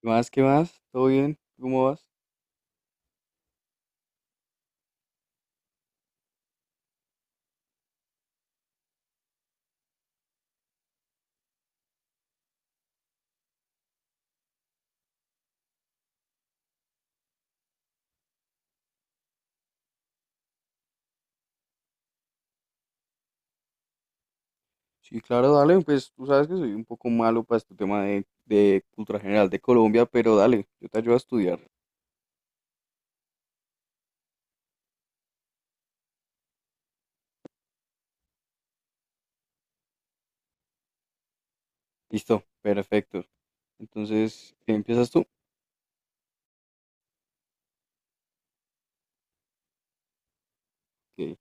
¿Qué más? ¿Qué más? ¿Todo bien? ¿Cómo vas? Sí, claro, dale, pues tú sabes que soy un poco malo para este tema de cultura general de Colombia, pero dale, yo te ayudo a estudiar. Listo, perfecto. Entonces, ¿qué empiezas tú? Ok,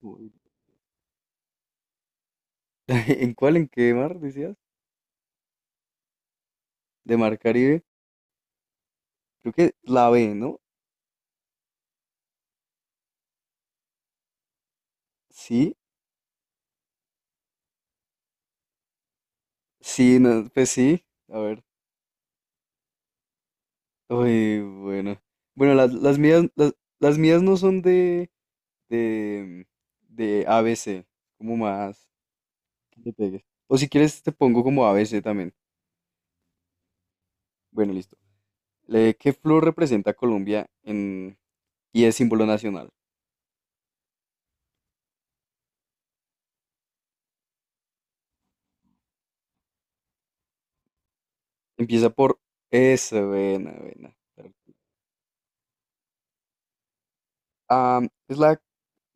voy. ¿En cuál? ¿En qué mar decías? De Mar Caribe. Creo que la B, ¿no? Sí, sí, no, pues sí. A ver. Uy, bueno. Bueno, las mías, las mías no son de, de A B C como más. Le pegues. O si quieres, te pongo como A B C también. Bueno, listo. ¿Qué flor representa a Colombia en y es símbolo nacional? Empieza por E, S, buena, buena. Es la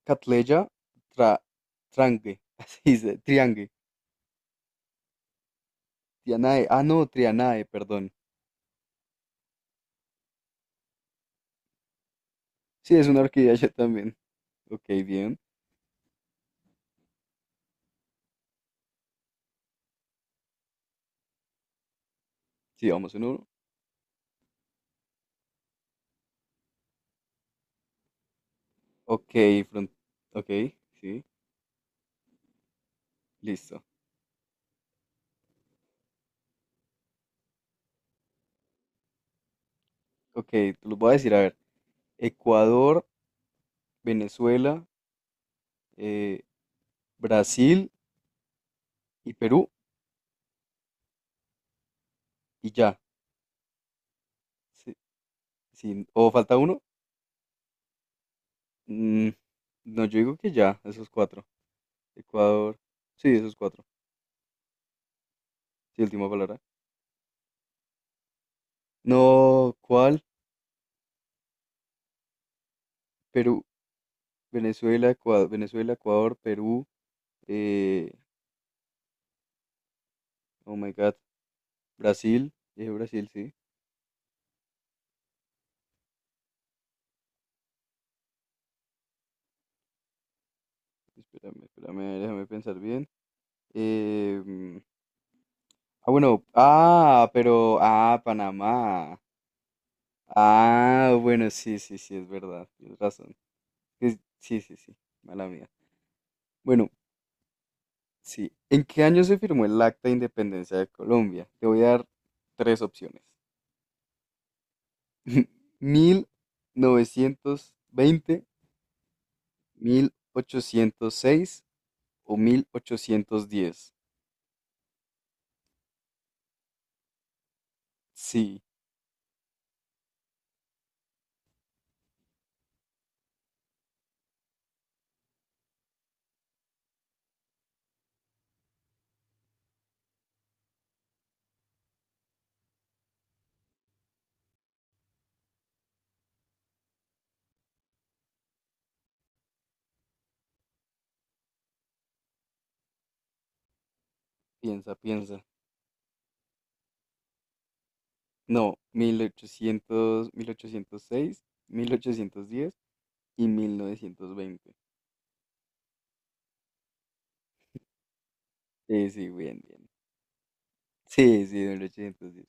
Catleya tra... Trangue, así dice, Triangue. Trianae, ah, no, Trianae, perdón. Sí, es una orquídea yo también. Ok, bien. Sí, vamos en uno. Ok, front... ok, sí, listo. Ok, te los voy a decir, a ver. Ecuador, Venezuela, eh, Brasil y Perú y ya. Sí, sí, ¿o falta uno? Mm, no, yo digo que ya, esos cuatro. Ecuador. Sí, esos cuatro. Sí, última palabra. No, ¿cuál? Perú, Venezuela, Ecuador, Venezuela, Ecuador, Perú. eh, oh my God. Brasil. Dije Brasil, sí. Espérame, espérame, déjame pensar bien. Eh, mm, ah, bueno. Ah, pero. Ah, Panamá. Ah, bueno, sí, sí, sí, es verdad. Tienes razón. Sí, sí, sí. Mala mía. Bueno, sí. ¿En qué año se firmó el Acta de Independencia de Colombia? Te voy a dar tres opciones. mil mil novecientos veinte, 1806 o 1810. Sí, piensa, piensa. No, 1806, 1810 y 1920. Sí, sí, bien, bien. Sí, sí, 1810.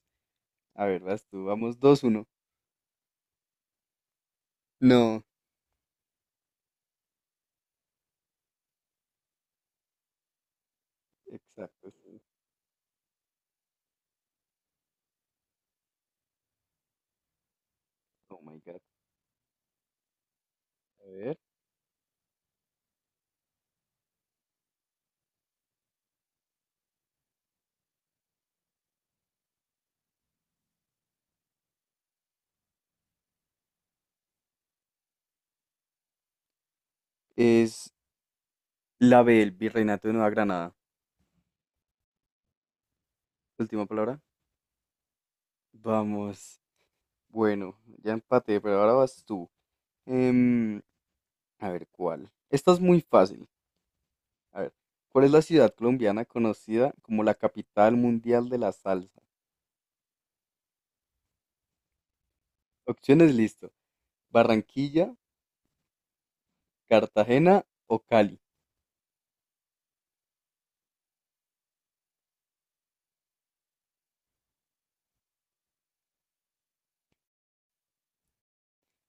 A ver, vas tú, vamos dos, uno. No, exacto. Sí. Oh my God. A ver. Es la B, el Virreinato de Nueva Granada. Última palabra. Vamos. Bueno, ya empaté, pero ahora vas tú. Em, a ver, ¿cuál? Esta es muy fácil. A ver, ¿cuál es la ciudad colombiana conocida como la capital mundial de la salsa? Opciones, listo. Barranquilla, Cartagena o Cali.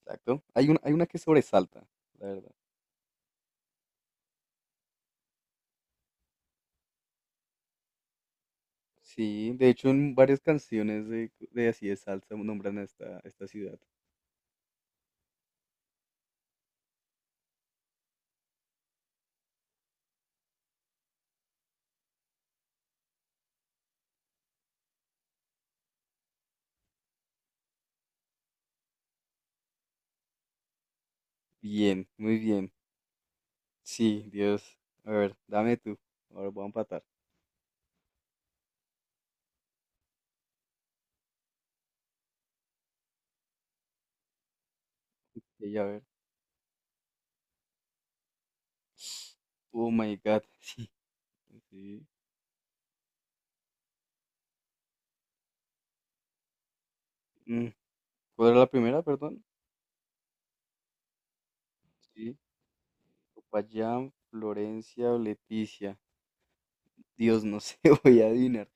Exacto. Hay una que sobresalta, la verdad. Sí, de hecho en varias canciones de así de salsa nombran a esta ciudad. Bien, muy bien. Sí, Dios. A ver, dame tú. Ahora voy a empatar. Y ya, a ver. Oh my God. Sí. Mm, ¿Cuál era la primera, perdón? Sí. Popayán, Florencia o Leticia. Dios, no sé, voy a adivinar.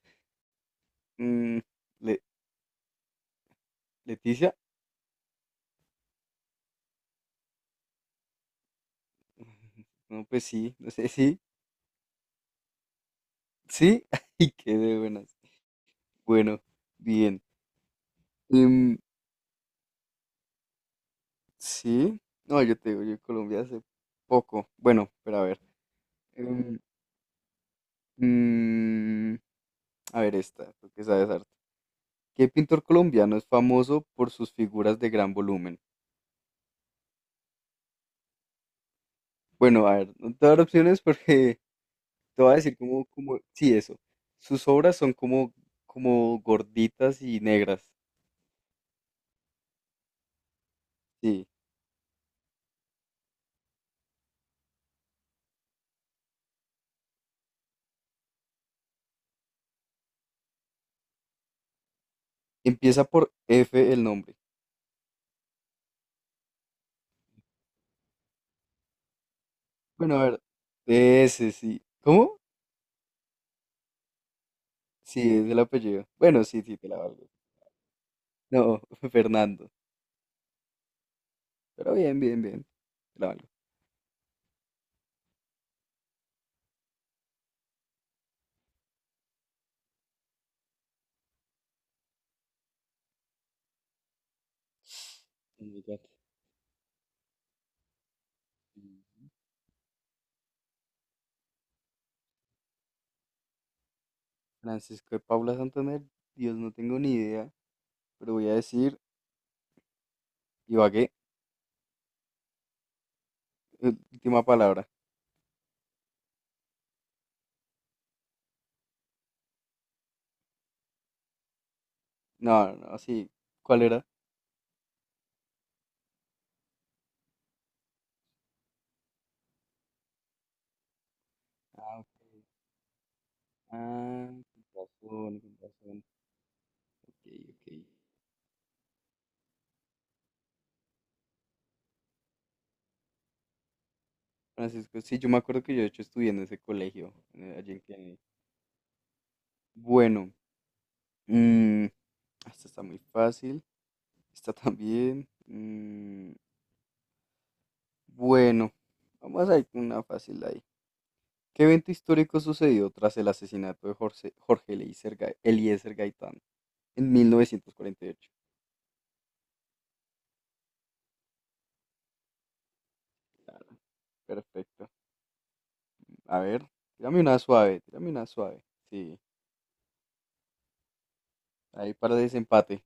Mm, Le- ¿Leticia? No, pues sí, no sé, sí, sí. Ay, qué de buenas. Bueno, bien. Em, sí. No, yo te digo, yo en Colombia hace poco. Bueno, pero a ver. Em, mm, A ver esta, tú que sabes arte. ¿Qué pintor colombiano es famoso por sus figuras de gran volumen? Bueno, a ver, no te voy a dar opciones porque te voy a decir como, sí, eso. Sus obras son como gorditas y negras. Sí. Empieza por F el nombre. Bueno, a ver, de ese sí. ¿Cómo? Sí, es el apellido. Bueno, sí, sí, te la valgo. No, Fernando. Pero bien, bien, bien. Te la valgo. Oh my God. Mm, Francisco de Paula Santander, Dios, no tengo ni idea, pero voy a decir Ibagué, última palabra. No, no, sí. ¿Cuál era? Ah, ok. Ah, con razón, con razón. Ok, ok. Francisco, sí, yo me acuerdo que yo de hecho estudié en ese colegio, allí en Kennedy. Bueno, mm, esta está muy fácil. Esta también. Bueno, vamos a ir con una fácil ahí. ¿Qué evento histórico sucedió tras el asesinato de Jorge Eliezer Gaitán en 1948? Claro, perfecto. A ver, tírame una suave, tírame una suave. Sí, ahí para desempate.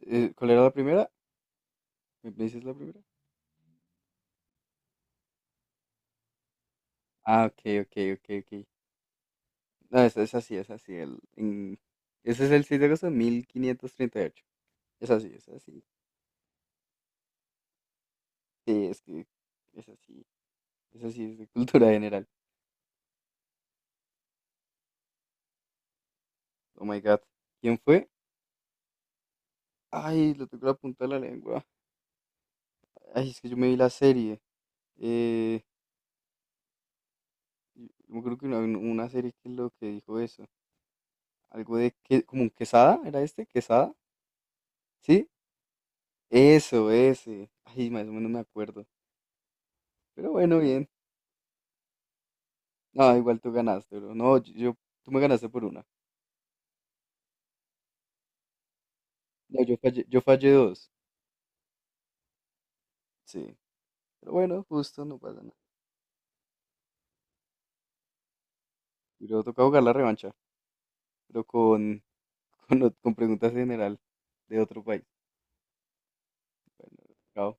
¿Cuál era la primera? ¿Me dices la primera? Ah, ok, ok, ok, ok. No, es así, es así. Ese es el 6 de agosto de 1538. Es así, es así. Sí, es que es así. Es así, es de cultura general. Oh my God. ¿Quién fue? Ay, lo tengo la punta de la lengua. Ay, es que yo me vi la serie. Eh, yo me acuerdo que una serie que lo que dijo eso. Algo de que, como un Quesada, ¿era este? ¿Quesada? ¿Sí? Eso, ese. Ay, más o menos me acuerdo. Pero bueno, bien. No, igual tú ganaste, bro. No, tú me ganaste por una. No, yo fallé dos. Sí. Pero bueno, justo, no pasa nada. Y luego toca jugar la revancha, pero con, con preguntas general de otro país. Bueno, chao.